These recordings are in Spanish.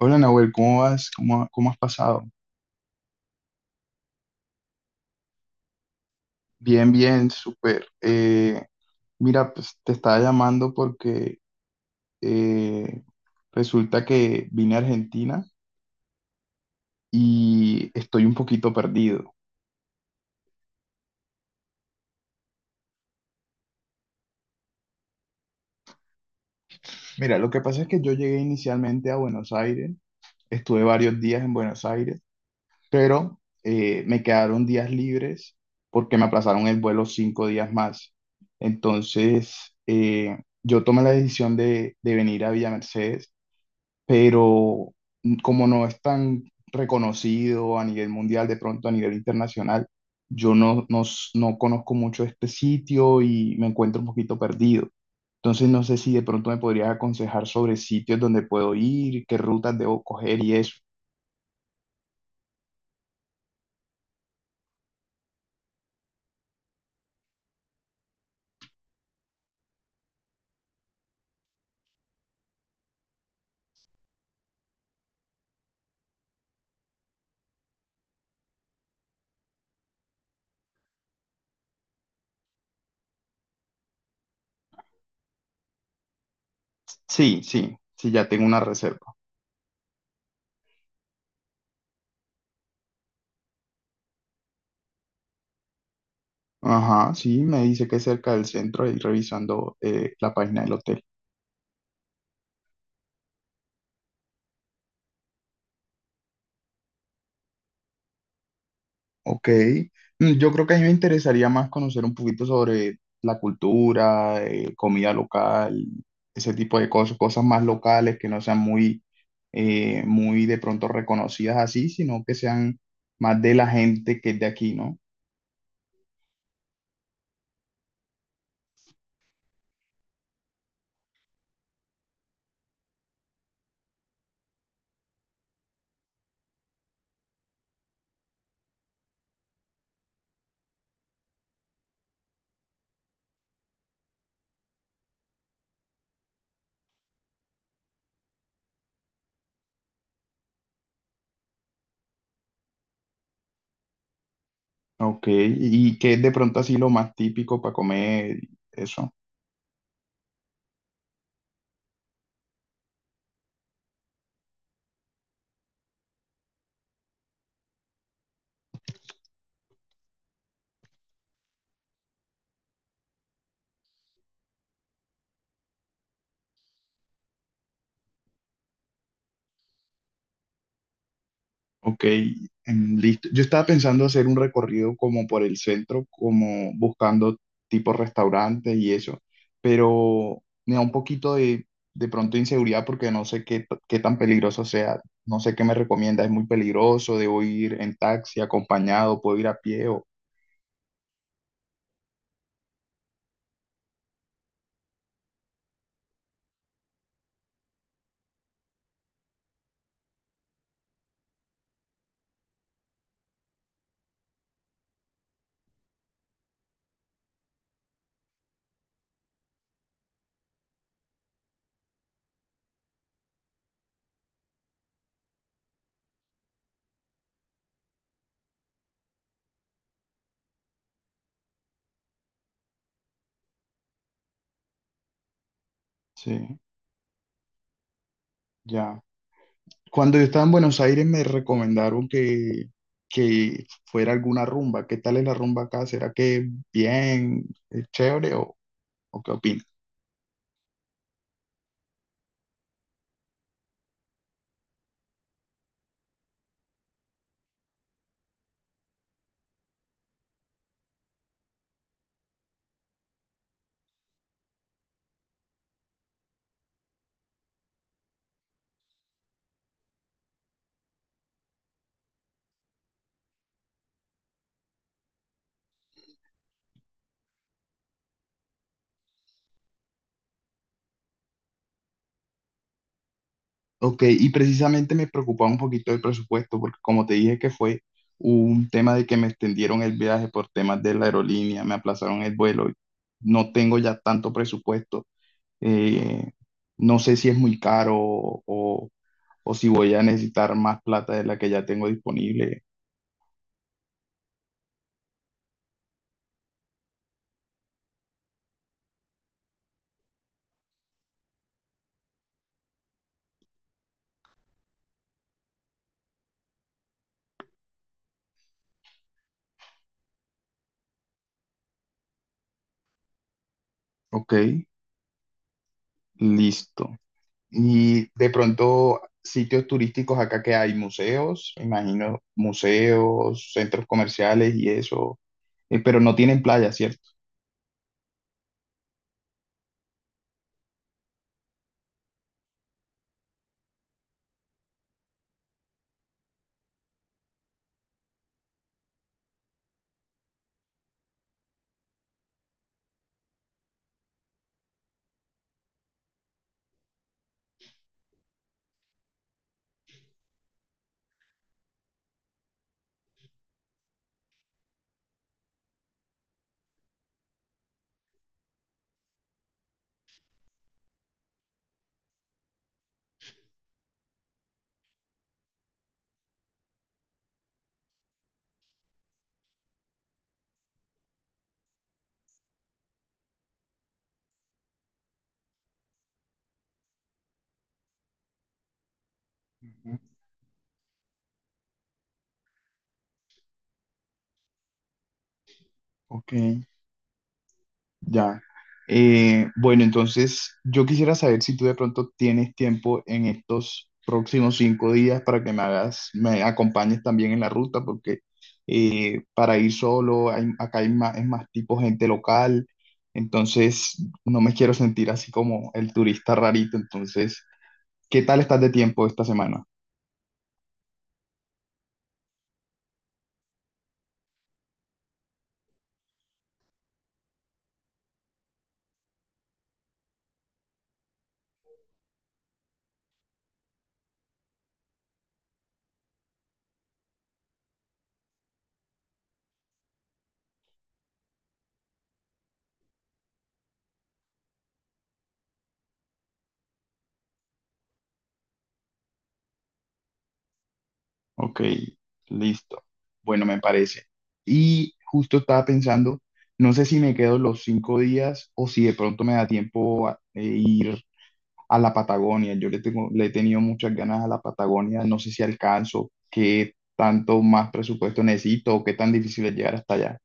Hola Nahuel, ¿cómo vas? ¿Cómo has pasado? Bien, bien, súper. Mira, pues te estaba llamando porque eh, resulta que vine a Argentina y estoy un poquito perdido. Mira, lo que pasa es que yo llegué inicialmente a Buenos Aires, estuve varios días en Buenos Aires, pero me quedaron días libres porque me aplazaron el vuelo 5 días más. Entonces, yo tomé la decisión de venir a Villa Mercedes, pero como no es tan reconocido a nivel mundial, de pronto a nivel internacional, yo no conozco mucho este sitio y me encuentro un poquito perdido. Entonces no sé si de pronto me podrías aconsejar sobre sitios donde puedo ir, qué rutas debo coger y eso. Sí, sí, sí, ya tengo una reserva. Ajá, sí, me dice que es cerca del centro y revisando la página del hotel. Ok. Mm, yo creo que a mí me interesaría más conocer un poquito sobre la cultura, comida local, ese tipo de cosas, cosas más locales que no sean muy, muy de pronto reconocidas así, sino que sean más de la gente que es de aquí, ¿no? Ok, y que es de pronto así lo más típico para comer, eso. Ok, em, listo. Yo estaba pensando hacer un recorrido como por el centro, como buscando tipo restaurantes y eso, pero me da un poquito de pronto inseguridad porque no sé qué tan peligroso sea. No sé qué me recomienda. ¿Es muy peligroso? ¿Debo ir en taxi, acompañado? ¿Puedo ir a pie? O... Sí, ya. Cuando yo estaba en Buenos Aires me recomendaron que fuera alguna rumba. ¿Qué tal es la rumba acá? ¿Será que bien, es chévere o qué opinas? Ok, y precisamente me preocupaba un poquito el presupuesto, porque como te dije que fue un tema de que me extendieron el viaje por temas de la aerolínea, me aplazaron el vuelo, no tengo ya tanto presupuesto, eh, no sé si es muy caro o si voy a necesitar más plata de la que ya tengo disponible. Ok, listo. Y de pronto, sitios turísticos acá que hay museos, me imagino museos, centros comerciales y eso, pero no tienen playa, ¿cierto? Ok, ya. Bueno, entonces yo quisiera saber si tú de pronto tienes tiempo en estos próximos 5 días para que me hagas, me acompañes también en la ruta, porque para ir solo, acá hay más, es más tipo gente local, entonces no me quiero sentir así como el turista rarito. Entonces, ¿qué tal estás de tiempo esta semana? Ok, listo. Bueno, me parece. Y justo estaba pensando, no sé si me quedo los 5 días o si de pronto me da tiempo a ir a la Patagonia. Yo le tengo, le he tenido muchas ganas a la Patagonia. No sé si alcanzo, qué tanto más presupuesto necesito o qué tan difícil es llegar hasta allá.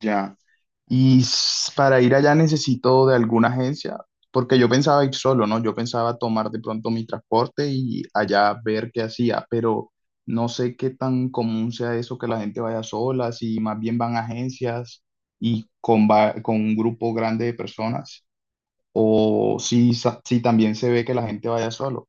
Ya. Y para ir allá necesito de alguna agencia, porque yo pensaba ir solo, ¿no? Yo pensaba tomar de pronto mi transporte y allá ver qué hacía, pero no sé qué tan común sea eso que la gente vaya sola, si más bien van a agencias y con un grupo grande de personas, o si también se ve que la gente vaya solo.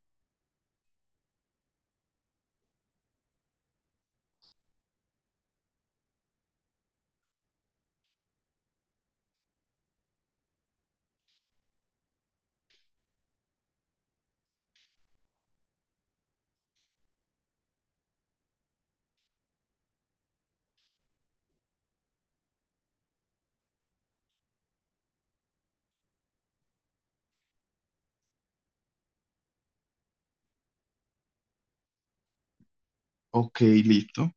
Ok, listo.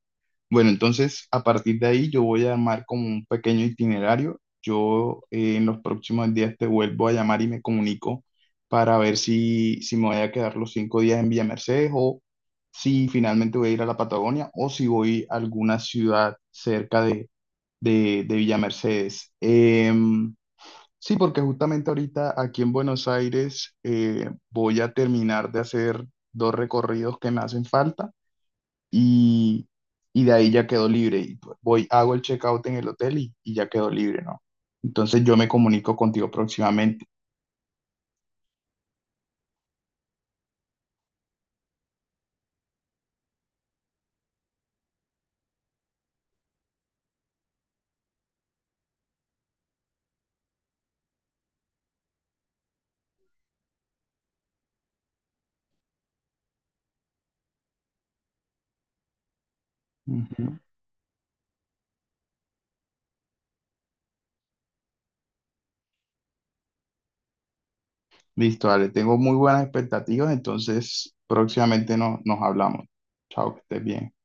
Bueno, entonces a partir de ahí yo voy a armar como un pequeño itinerario. Yo, en los próximos días te vuelvo a llamar y me comunico para ver si me voy a quedar los 5 días en Villa Mercedes o si finalmente voy a ir a la Patagonia o si voy a alguna ciudad cerca de Villa Mercedes. Em, sí, porque justamente ahorita aquí en Buenos Aires voy a terminar de hacer dos recorridos que me hacen falta y, y de ahí ya quedo libre. Y pues voy, hago el checkout en el hotel y ya quedo libre, ¿no? Entonces yo me comunico contigo próximamente. Ujú. Listo, dale, tengo muy buenas expectativas, entonces próximamente no, nos hablamos. Chao, que estés bien.